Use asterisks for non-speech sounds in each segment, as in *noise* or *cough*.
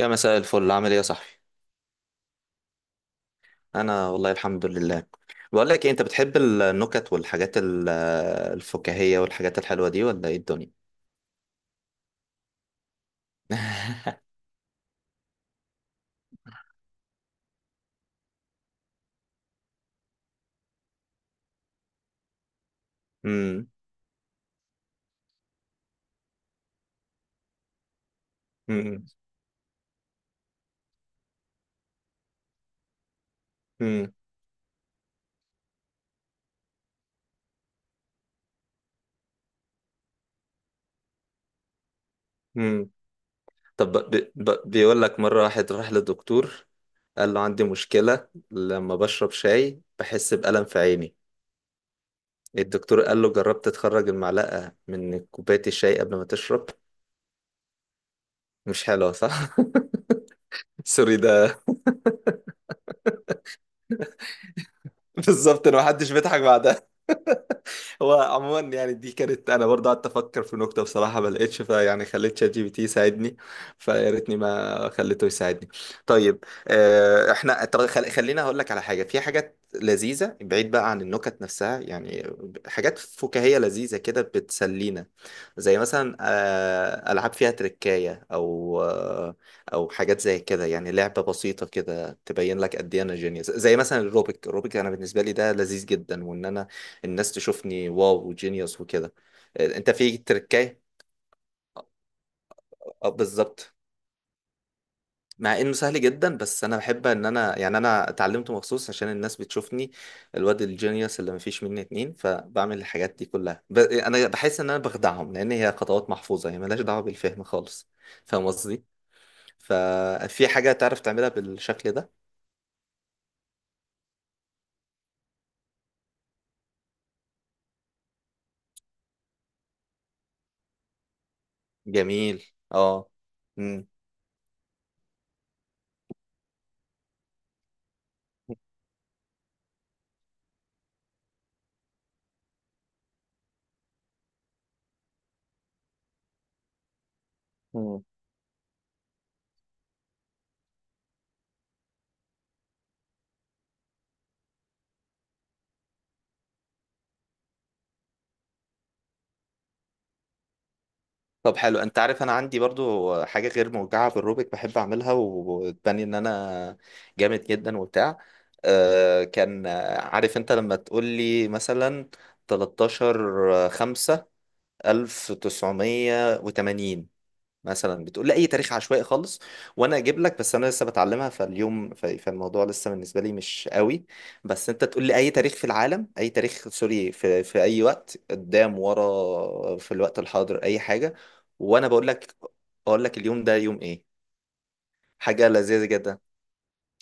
يا مساء الفل، عامل ايه يا صاحبي؟ انا والله الحمد لله. بقول لك إيه، انت بتحب النكت والحاجات الفكاهية والحاجات الحلوة دي ولا ايه الدنيا؟ *laughs* امم. امم. امم. أمم. طب بيقول لك مرة، واحد راح للدكتور قال له عندي مشكلة لما بشرب شاي بحس بألم في عيني. الدكتور قال له جربت تخرج المعلقة من كوباية الشاي قبل ما تشرب؟ مش حلوة، صح؟ *laughs* سوري ده. بالظبط، إن محدش بيضحك بعدها. هو عموما يعني دي كانت، انا برضه قعدت افكر في نكته بصراحه ما لقيتش، فيعني خليت شات جي بي تي يساعدني. فيا ريتني ما خليته يساعدني. طيب، احنا طب خلينا هقول لك على حاجه، في حاجات لذيذه بعيد بقى عن النكت نفسها يعني. حاجات فكاهيه لذيذه كده بتسلينا، زي مثلا العاب فيها تركايه، او حاجات زي كده. يعني لعبه بسيطه كده تبين لك قد ايه انا جينيوس، زي مثلا الروبيك الروبيك. انا بالنسبه لي ده لذيذ جدا، وان انا الناس تشوفني واو جينيوس وكده. انت في تركاية. اه، بالظبط. مع انه سهل جدا، بس انا بحب ان انا يعني انا اتعلمته مخصوص عشان الناس بتشوفني الواد الجينيوس اللي مفيش مني اتنين، فبعمل الحاجات دي كلها انا بحس ان انا بخدعهم، لان هي خطوات محفوظة هي ملهاش دعوة بالفهم خالص. فاهم قصدي؟ ففي حاجة تعرف تعملها بالشكل ده. جميل. اه. امم. طب حلو، انت عارف انا عندي برضو حاجه غير موجعه بالروبيك بحب اعملها وتبني ان انا جامد جدا وبتاع. كان عارف انت لما تقول لي مثلا 13 5 1980، مثلا بتقول لي اي تاريخ عشوائي خالص وانا اجيب لك. بس انا لسه بتعلمها فاليوم، فالموضوع لسه بالنسبه لي مش قوي. بس انت تقول لي اي تاريخ في العالم، اي تاريخ سوري، في اي وقت قدام ورا في الوقت الحاضر، اي حاجه وانا بقول لك. اقول لك اليوم ده يوم ايه. حاجه لذيذه جدا.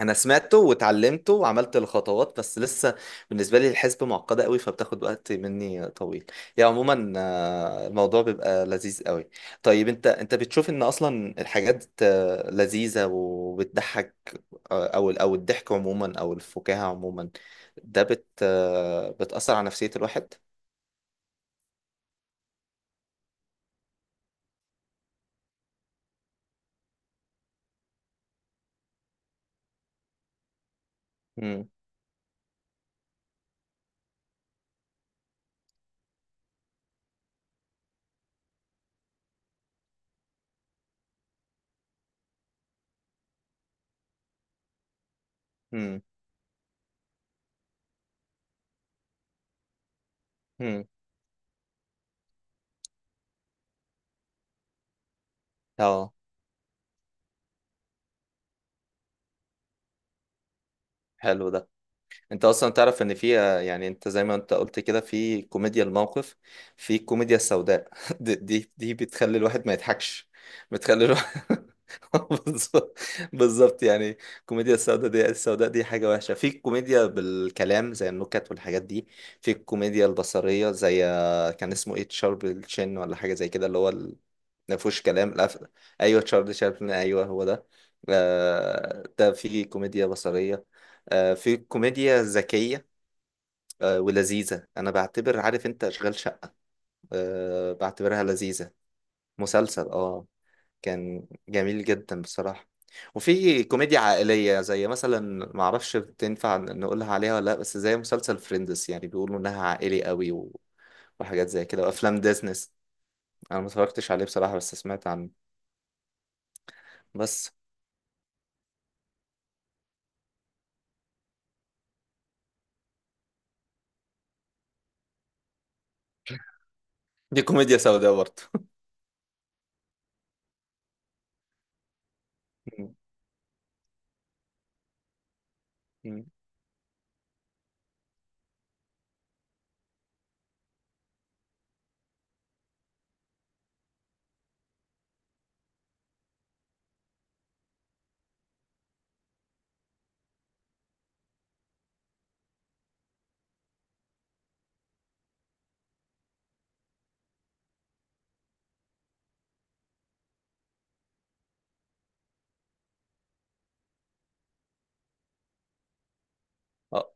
انا سمعته واتعلمته وعملت الخطوات بس لسه بالنسبه لي الحسبه معقده قوي، فبتاخد وقت مني طويل. يعني عموما الموضوع بيبقى لذيذ قوي. طيب، انت بتشوف ان اصلا الحاجات لذيذه وبتضحك، او الضحك عموما او الفكاهه عموما، ده بت آه، بتاثر على نفسيه الواحد. امم. امم. اه. حلو ده. انت اصلا تعرف ان في يعني انت زي ما انت قلت كده في كوميديا الموقف، في الكوميديا السوداء *laughs* دي بتخلي الواحد ما يضحكش، بتخلي الواحد *laughs* بالظبط. بالظبط، يعني الكوميديا السوداء دي، حاجة وحشة. في الكوميديا بالكلام زي النكت والحاجات دي. في الكوميديا البصرية زي كان اسمه ايه، تشارب الشن ولا حاجة زي كده، اللي هو ما فيهوش كلام القفله. ايوه تشارلي شابلن، ايوه هو ده. ده في كوميديا بصريه، في كوميديا ذكيه ولذيذه. انا بعتبر، عارف انت اشغال شقه، بعتبرها لذيذه. مسلسل، اه. كان جميل جدا بصراحه. وفي كوميديا عائليه، زي مثلا ما اعرفش تنفع نقولها عليها ولا لا، بس زي مسلسل فريندز يعني بيقولوا انها عائلي قوي وحاجات زي كده وافلام ديزنس. انا ما اتفرجتش عليه بصراحه، بس سمعت عنه. بس دي كوميديا سوداء برضه. مم. مم. اه.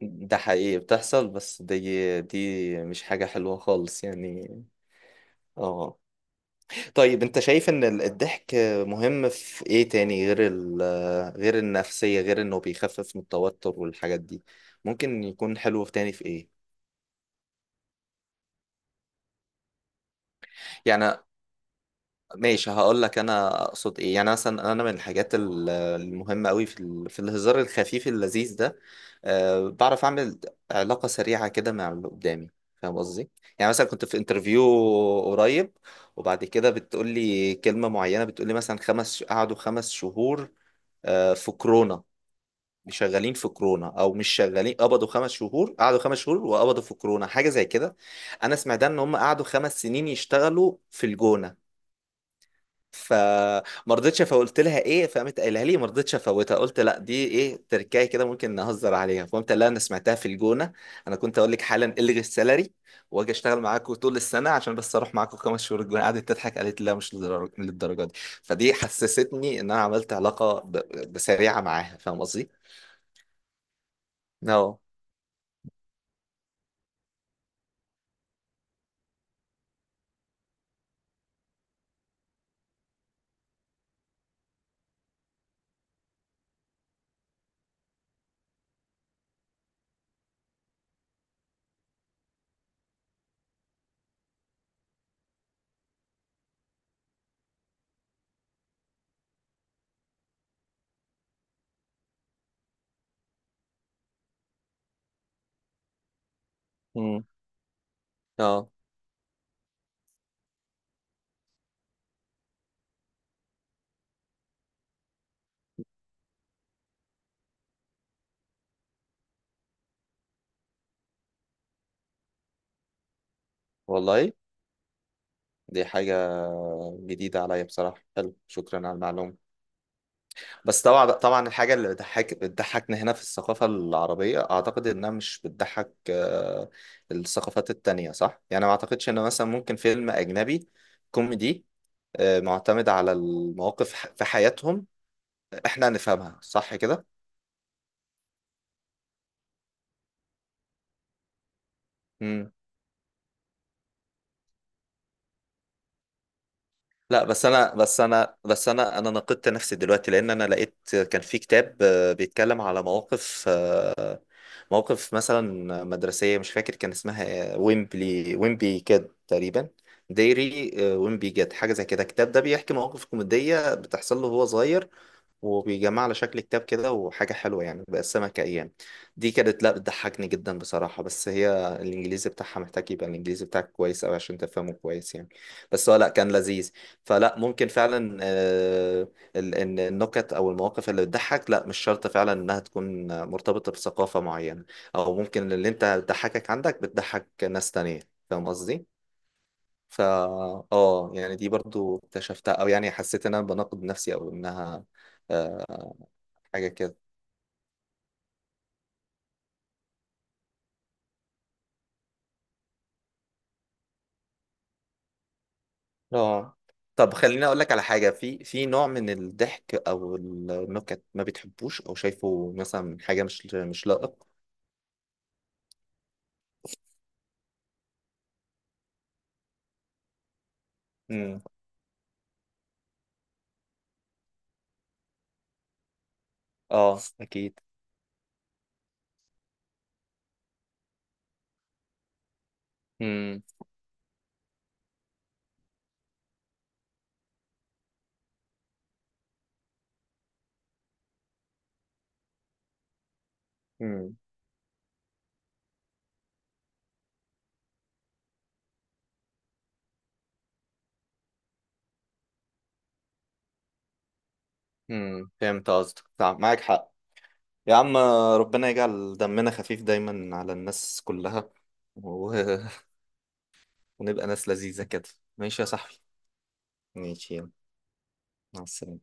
ده حقيقي بتحصل، بس دي مش حاجة حلوة خالص يعني. اه. طيب، انت شايف ان الضحك مهم في ايه تاني، غير النفسية، غير انه بيخفف من التوتر والحاجات دي، ممكن يكون حلو في تاني، في ايه يعني؟ ماشي، هقول لك انا اقصد ايه. يعني مثلا انا من الحاجات المهمه قوي في الهزار الخفيف اللذيذ ده، بعرف اعمل علاقه سريعه كده مع اللي قدامي. فاهم قصدي؟ يعني مثلا كنت في انترفيو قريب، وبعد كده بتقول لي كلمه معينه، بتقول لي مثلا قعدوا 5 شهور، في كورونا مش شغالين، في كورونا او مش شغالين، قبضوا 5 شهور، قعدوا 5 شهور وقبضوا في كورونا، حاجه زي كده. انا سمعت ان هم قعدوا 5 سنين يشتغلوا في الجونه، فما رضيتش. فقلت لها ايه؟ فقامت قايلها لي ما رضيتش افوتها، قلت لا دي ايه، تركايه كده ممكن نهزر عليها، فقمت قايل لها انا سمعتها في الجونه، انا كنت اقول لك حالا الغي السالري واجي اشتغل معاكم طول السنه عشان بس اروح معاكم 5 شهور الجونه. قعدت تضحك قالت لي لا، مش للدرجة دي. فدي حسستني ان انا عملت علاقه سريعه معاها، فاهم قصدي؟ اه. مم. اه، والله. دي حاجه جديده عليا بصراحه، حلو شكرا على المعلومه. بس طبعا طبعا، الحاجة اللي بتضحكنا هنا في الثقافة العربية، أعتقد إنها مش بتضحك الثقافات التانية صح؟ يعني ما أعتقدش إن مثلا ممكن فيلم أجنبي كوميدي معتمد على المواقف في حياتهم، إحنا نفهمها صح كده؟ لا، بس انا نقدت نفسي دلوقتي، لان انا لقيت كان في كتاب بيتكلم على مواقف مثلا مدرسيه، مش فاكر كان اسمها إيه، ويمبلي ويمبي كاد تقريبا، ديري ويمبي جاد، حاجه زي كده. الكتاب ده بيحكي مواقف كوميديه بتحصل له وهو صغير، وبيجمع على شكل كتاب كده، وحاجة حلوة يعني، بقسمها كأيام. دي كانت لا بتضحكني جدا بصراحة، بس هي الإنجليزي بتاعها محتاج يبقى الإنجليزي بتاعك كويس أوي عشان تفهمه كويس يعني، بس هو لا كان لذيذ. فلا ممكن فعلا، إن النكت أو المواقف اللي بتضحك، لا مش شرط فعلا إنها تكون مرتبطة بثقافة معينة، أو ممكن اللي أنت بتضحكك عندك بتضحك ناس تانية. فاهم قصدي؟ فا اه، يعني دي برضو اكتشفتها، او يعني حسيت ان انا بناقض نفسي، او انها آه، حاجة كده. اه. طب خليني اقول لك على حاجة، في نوع من الضحك او النكت ما بتحبوش، او شايفه مثلا حاجة مش لائق. امم. اه اكيد. امم. امم. امم. فهمت قصدك، طب معاك حق يا عم، ربنا يجعل دمنا خفيف دايما على الناس كلها و... *laughs* ونبقى ناس لذيذة كده. ماشي يا صاحبي، ماشي يلا. مع السلامة.